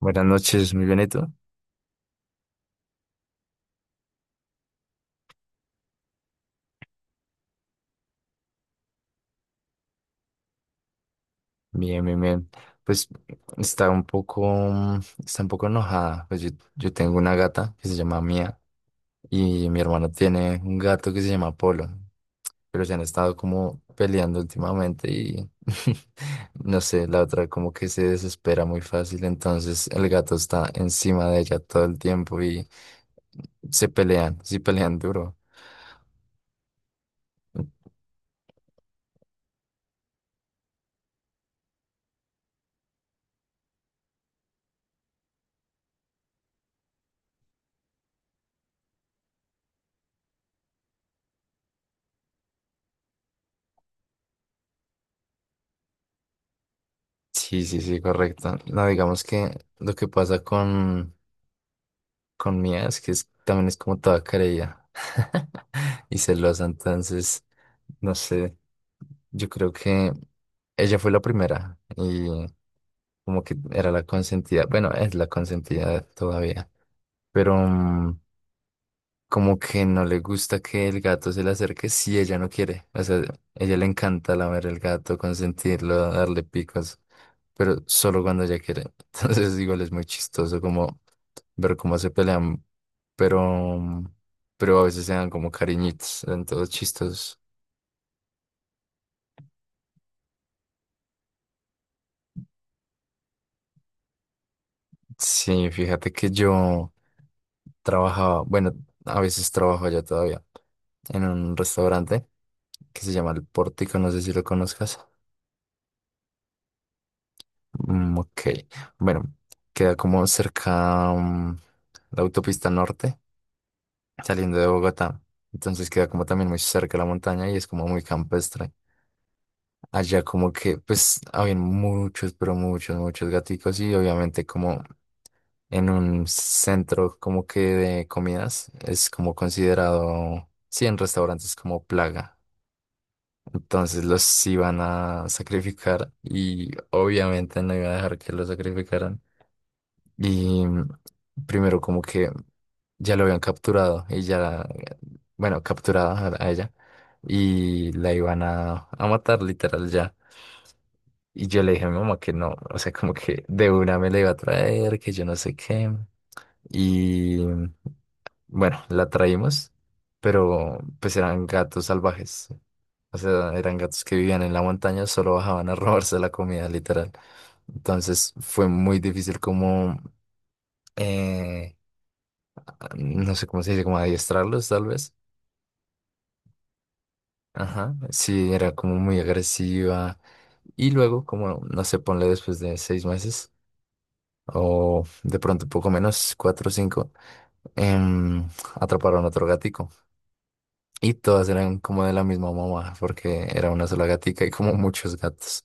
Buenas noches, mi Benito. Bien, bien, bien. Pues está un poco, mm, está un poco enojada. Pues yo tengo una gata que se llama Mía y mi hermano tiene un gato que se llama Polo, pero se han estado como peleando últimamente y no sé, la otra como que se desespera muy fácil, entonces el gato está encima de ella todo el tiempo y se pelean, sí pelean duro. Sí, sí, sí, correcto. No, digamos que lo que pasa con Mía es que también es como toda querella y celosa, entonces, no sé, yo creo que ella fue la primera y como que era la consentida, bueno, es la consentida todavía, pero como que no le gusta que el gato se le acerque si ella no quiere. O sea, ella le encanta lamer el gato, consentirlo, darle picos, pero solo cuando ella quiere. Entonces, igual es muy chistoso como ver cómo se pelean, pero, pero a veces se dan como cariñitos, en todos chistosos. Sí, fíjate que yo trabajaba, bueno, a veces trabajo ya todavía en un restaurante que se llama El Pórtico, no sé si lo conozcas. Mm, ok. Bueno, queda como cerca la autopista norte, saliendo de Bogotá. Entonces queda como también muy cerca la montaña y es como muy campestre. Allá como que pues habían muchos, pero muchos, muchos gaticos y obviamente como en un centro como que de comidas es como considerado, sí, en restaurantes como plaga. Entonces los iban a sacrificar y obviamente no iba a dejar que los sacrificaran. Y primero como que ya lo habían capturado y ya, bueno, capturada a ella y la iban a matar literal ya. Y yo le dije a mi mamá que no, o sea, como que de una me la iba a traer, que yo no sé qué. Y bueno, la traímos, pero pues eran gatos salvajes. O sea, eran gatos que vivían en la montaña, solo bajaban a robarse la comida, literal. Entonces fue muy difícil como eh, no sé cómo se dice, como adiestrarlos tal vez. Ajá, sí, era como muy agresiva. Y luego, como, no sé, ponle después de 6 meses o de pronto poco menos, 4 o 5, em, atraparon otro gatico. Y todas eran como de la misma mamá, porque era una sola gatica y como muchos gatos.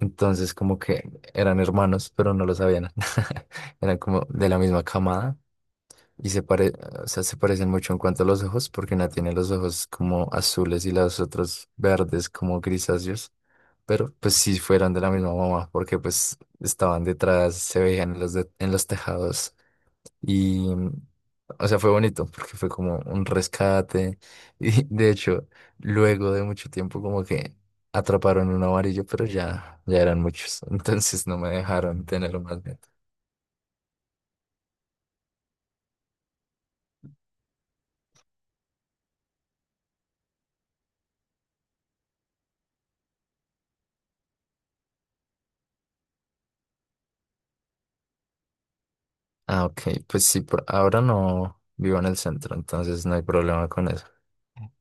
Entonces, como que eran hermanos, pero no lo sabían. Eran como de la misma camada. Y o sea, se parecen mucho en cuanto a los ojos, porque una tiene los ojos como azules y las otras verdes como grisáceos. Pero pues sí fueron de la misma mamá, porque pues estaban detrás, se veían en los tejados. Y, o sea, fue bonito, porque fue como un rescate. Y de hecho, luego de mucho tiempo como que atraparon un amarillo, pero ya, ya eran muchos. Entonces no me dejaron tener más. Ah, ok, pues sí, por ahora no vivo en el centro, entonces no hay problema con eso.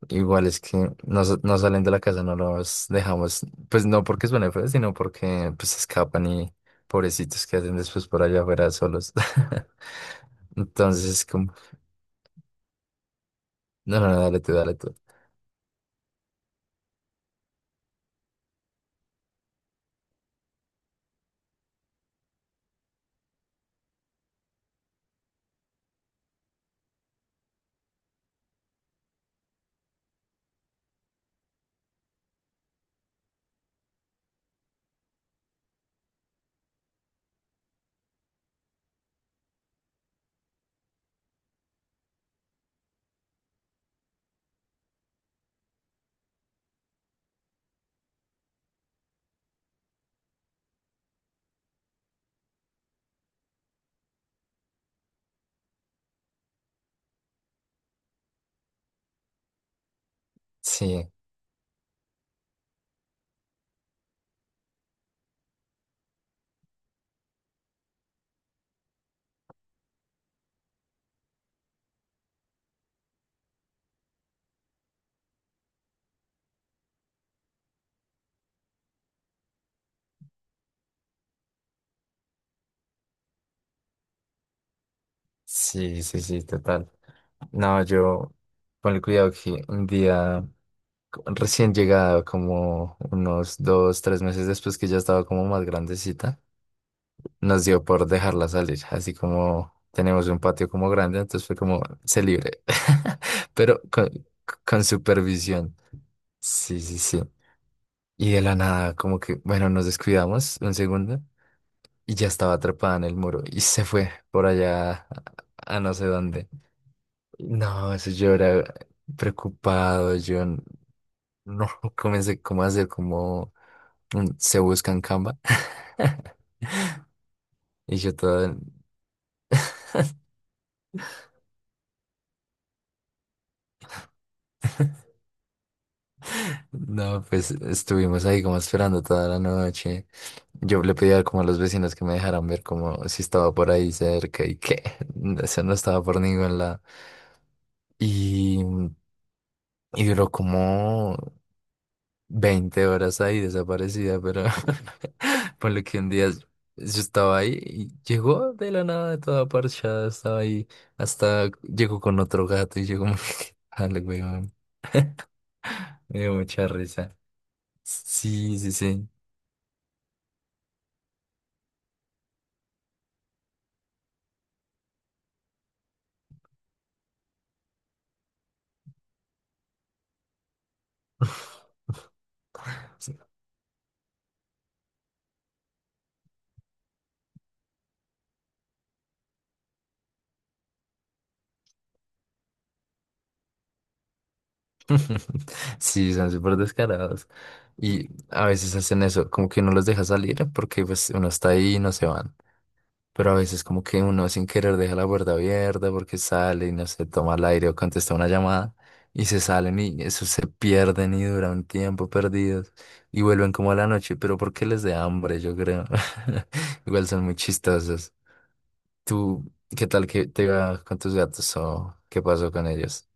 Igual es que no salen de la casa, no los dejamos, pues no porque suene feo, sino porque pues se escapan y pobrecitos que hacen después por allá afuera solos. Entonces es como, no, no, no, dale tú, dale tú. Sí, sí, sí, sí, total. No, yo, con el cuidado que un día recién llegado, como unos 2, 3 meses después que ya estaba como más grandecita. Nos dio por dejarla salir, así como tenemos un patio como grande, entonces fue como se libre, pero con, supervisión. Sí, sí, sí. Y de la nada, como que, bueno, nos descuidamos un segundo y ya estaba atrapada en el muro y se fue por allá a no sé dónde. No, eso yo era preocupado, yo no comencé como a hacer como se busca en Canva. Y yo todo, no, pues estuvimos ahí como esperando toda la noche. Yo le pedía como a los vecinos que me dejaran ver como si estaba por ahí cerca y que eso no estaba por ningún lado. Y, y duró como 20 horas ahí desaparecida, pero por lo que un día yo estaba ahí y llegó de la nada, toda parchada, estaba ahí, hasta llegó con otro gato y llegó, dale, weón, me dio mucha risa. Sí, sí, sí. Sí, son súper descarados. Y a veces hacen eso, como que no los deja salir porque pues uno está ahí y no se van. Pero a veces como que uno sin querer deja la puerta abierta porque sale y no se toma el aire o contesta una llamada y se salen y eso se pierden y duran un tiempo perdidos y vuelven como a la noche, pero porque les da hambre, yo creo. Igual son muy chistosos. ¿Tú qué tal que te va con tus gatos o qué pasó con ellos?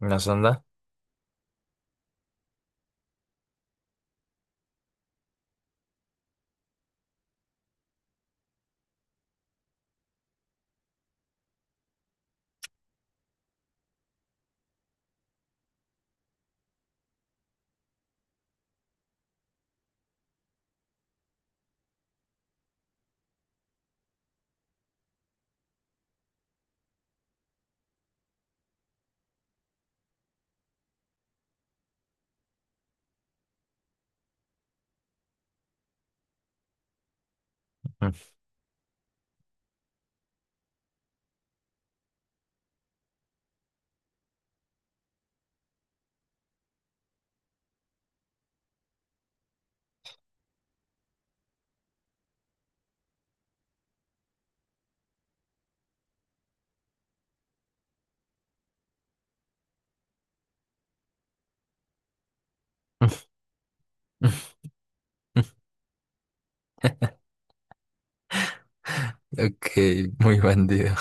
¿Una sonda? Ok, muy bandido.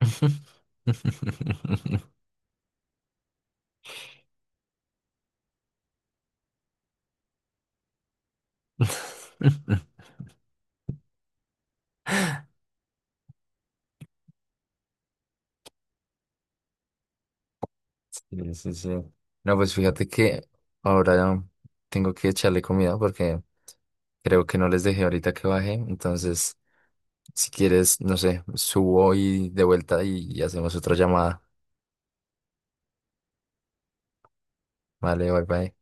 Sí, sí, sí. No, pues fíjate que ahora ya tengo que echarle comida porque creo que no les dejé ahorita que baje. Entonces, si quieres, no sé, subo y de vuelta y hacemos otra llamada. Vale, bye bye.